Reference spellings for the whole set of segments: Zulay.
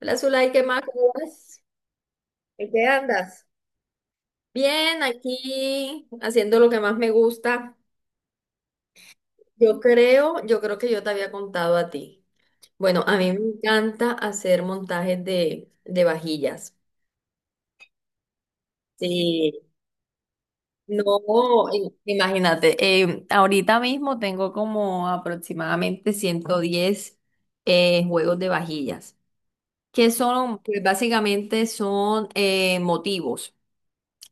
Hola, Zulay, ¿qué más? ¿Cómo vas? ¿En qué andas? Bien, aquí haciendo lo que más me gusta. Yo creo que yo te había contado a ti. Bueno, a mí me encanta hacer montajes de vajillas. Sí. No, imagínate, ahorita mismo tengo como aproximadamente 110 juegos de vajillas, que son, pues básicamente son motivos.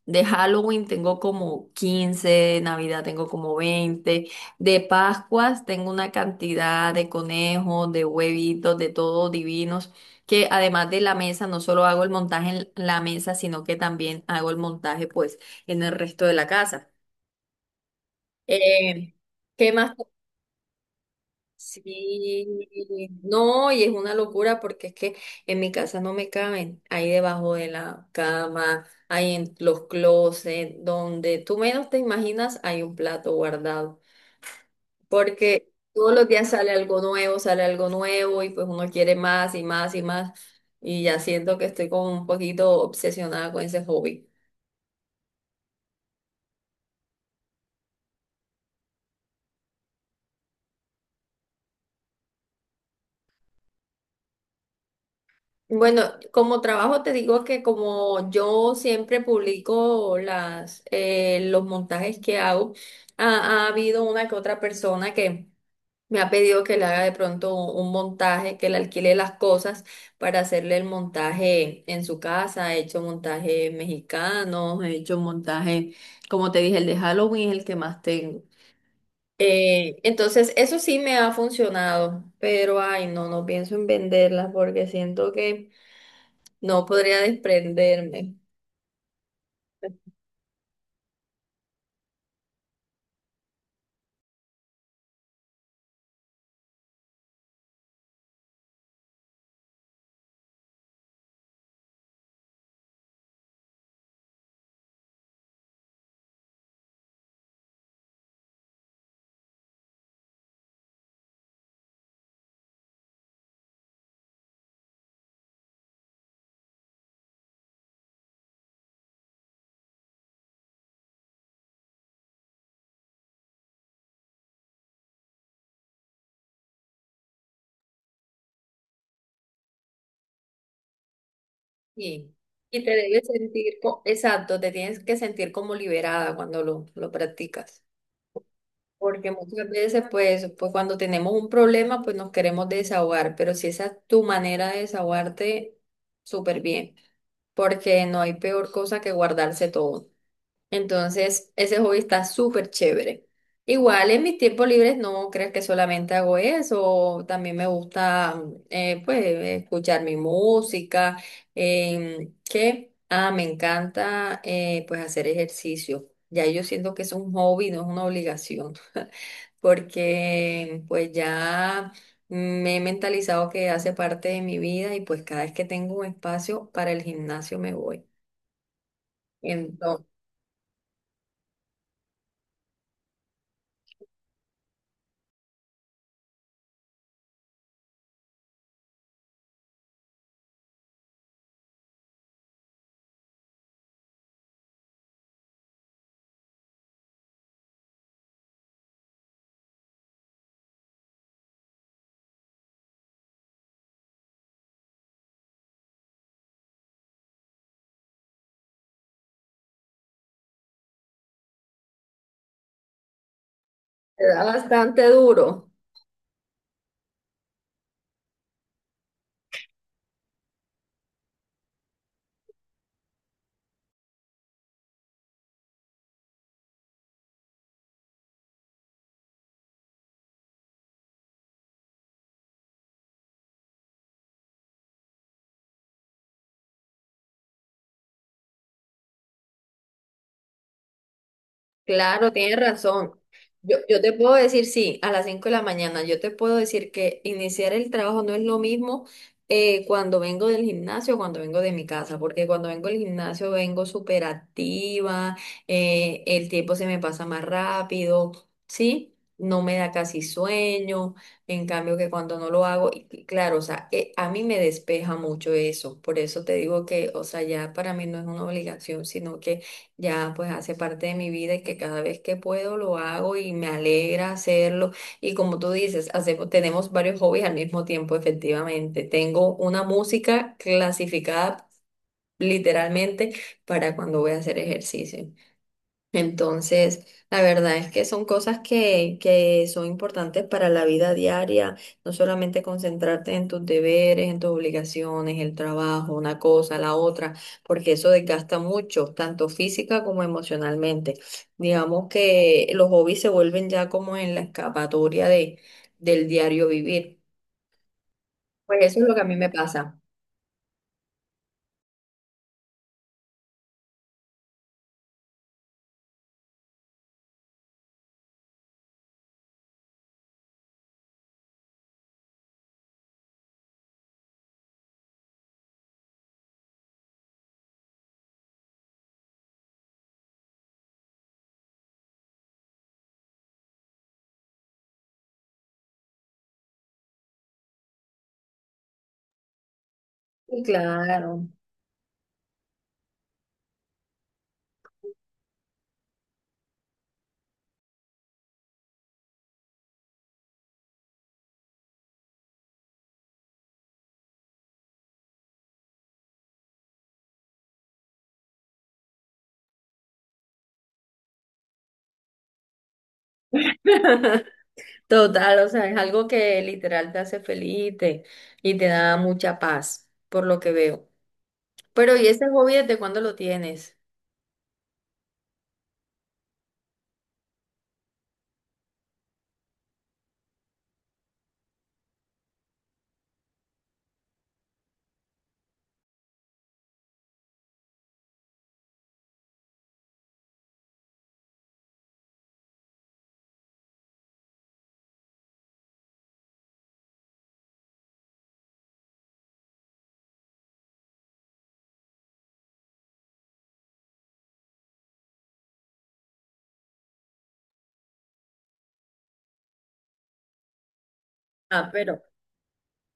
De Halloween tengo como 15, de Navidad tengo como 20, de Pascuas tengo una cantidad de conejos, de huevitos, de todo divinos, que además de la mesa, no solo hago el montaje en la mesa, sino que también hago el montaje pues en el resto de la casa. Eh, ¿Qué más? Sí, no, y es una locura porque es que en mi casa no me caben, ahí debajo de la cama, ahí en los closets, donde tú menos te imaginas hay un plato guardado, porque todos los días sale algo nuevo y pues uno quiere más y más y más, y ya siento que estoy como un poquito obsesionada con ese hobby. Bueno, como trabajo te digo que como yo siempre publico los montajes que hago, ha habido una que otra persona que me ha pedido que le haga de pronto un montaje, que le alquile las cosas para hacerle el montaje en su casa. He hecho montajes mexicanos, he hecho montaje, como te dije, el de Halloween es el que más tengo. Entonces, eso sí me ha funcionado, pero ay, no, no pienso en venderlas porque siento que... No podría desprenderme. Sí. Y te debes sentir, exacto, te tienes que sentir como liberada cuando lo practicas. Porque muchas veces, pues cuando tenemos un problema, pues nos queremos desahogar, pero si esa es tu manera de desahogarte, súper bien, porque no hay peor cosa que guardarse todo. Entonces, ese hobby está súper chévere. Igual en mis tiempos libres no creas que solamente hago eso, también me gusta pues escuchar mi música, me encanta pues hacer ejercicio. Ya yo siento que es un hobby, no es una obligación, porque pues ya me he mentalizado que hace parte de mi vida y pues cada vez que tengo un espacio para el gimnasio me voy. Entonces, me da bastante duro. Claro, tienes razón. Yo te puedo decir, sí, a las 5 de la mañana, yo te puedo decir que iniciar el trabajo no es lo mismo cuando vengo del gimnasio o cuando vengo de mi casa, porque cuando vengo del gimnasio vengo súper activa, el tiempo se me pasa más rápido, ¿sí? No me da casi sueño, en cambio que cuando no lo hago, y claro, o sea, a mí me despeja mucho eso, por eso te digo que, o sea, ya para mí no es una obligación, sino ya pues hace parte de mi vida y que cada vez que puedo lo hago y me alegra hacerlo. Y como tú dices, hacemos, tenemos varios hobbies al mismo tiempo, efectivamente. Tengo una música clasificada literalmente para cuando voy a hacer ejercicio. Entonces, la verdad es que son cosas que son importantes para la vida diaria, no solamente concentrarte en tus deberes, en tus obligaciones, el trabajo, una cosa, la otra, porque eso desgasta mucho, tanto física como emocionalmente. Digamos que los hobbies se vuelven ya como en la escapatoria del diario vivir. Pues eso es lo que a mí me pasa. Sí, claro. Total, o sea, es algo que literal te hace feliz y te da mucha paz, por lo que veo. Pero, ¿y ese hobby desde cuándo lo tienes? Ah, pero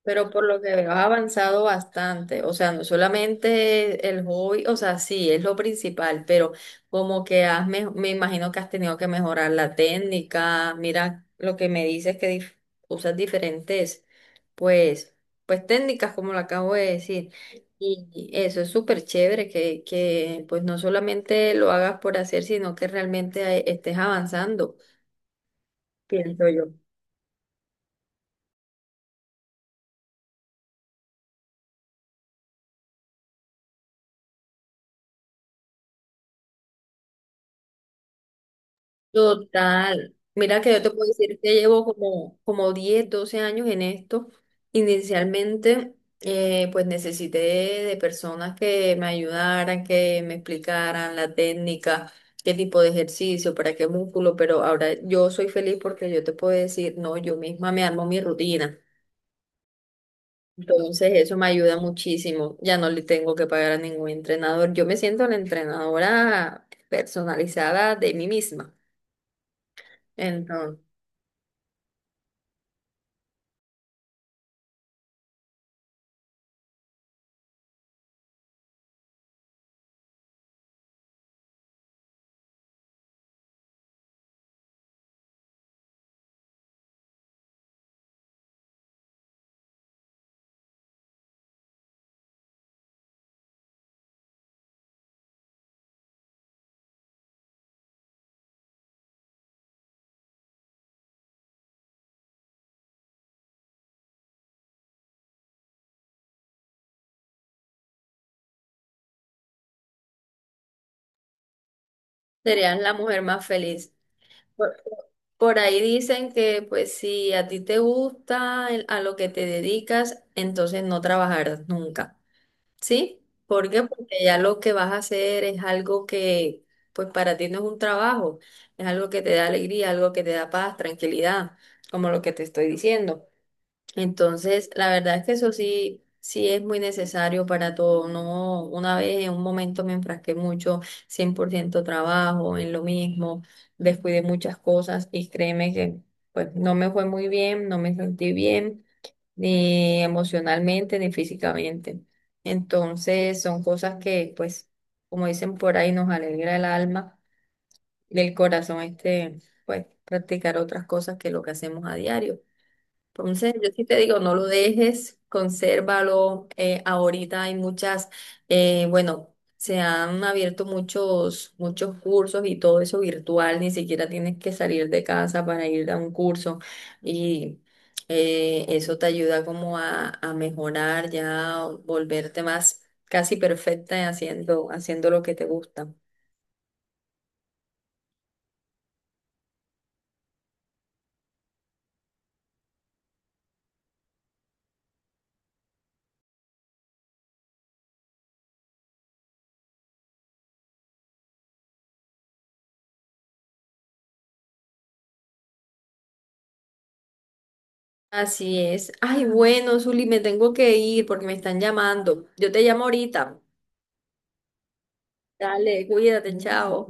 Pero por lo que veo, has avanzado bastante. O sea, no solamente el hobby, o sea, sí, es lo principal, pero como que has, me imagino que has tenido que mejorar la técnica. Mira, lo que me dices que usas diferentes, pues, pues técnicas, como lo acabo de decir. Y eso es súper chévere que no solamente lo hagas por hacer, sino que realmente estés avanzando, pienso yo. Total. Mira que yo te puedo decir que llevo como 10, 12 años en esto. Inicialmente, pues necesité de personas que me ayudaran, que me explicaran la técnica, qué tipo de ejercicio, para qué músculo, pero ahora yo soy feliz porque yo te puedo decir, no, yo misma me armo mi rutina. Entonces eso me ayuda muchísimo. Ya no le tengo que pagar a ningún entrenador. Yo me siento la entrenadora personalizada de mí misma. Entonces. Serías la mujer más feliz. Por, por ahí dicen que pues si a ti te gusta a lo que te dedicas, entonces no trabajarás nunca. ¿Sí? ¿Por qué? Porque ya lo que vas a hacer es algo que pues para ti no es un trabajo, es algo que te da alegría, algo que te da paz, tranquilidad, como lo que te estoy diciendo. Entonces, la verdad es que eso sí, sí es muy necesario para todo. No, una vez en un momento me enfrasqué mucho, 100% trabajo, en lo mismo, descuidé muchas cosas y créeme que pues no me fue muy bien, no me sentí bien, ni emocionalmente, ni físicamente. Entonces, son cosas que pues, como dicen por ahí, nos alegra el alma, del corazón este, pues practicar otras cosas que lo que hacemos a diario. Entonces, yo sí te digo, no lo dejes, consérvalo. Eh, ahorita hay muchas, bueno, se han abierto muchos, muchos cursos y todo eso virtual, ni siquiera tienes que salir de casa para ir a un curso y eso te ayuda como a mejorar, ya volverte más casi perfecta haciendo, haciendo lo que te gusta. Así es. Ay, bueno, Zuli, me tengo que ir porque me están llamando. Yo te llamo ahorita. Dale, cuídate, chao.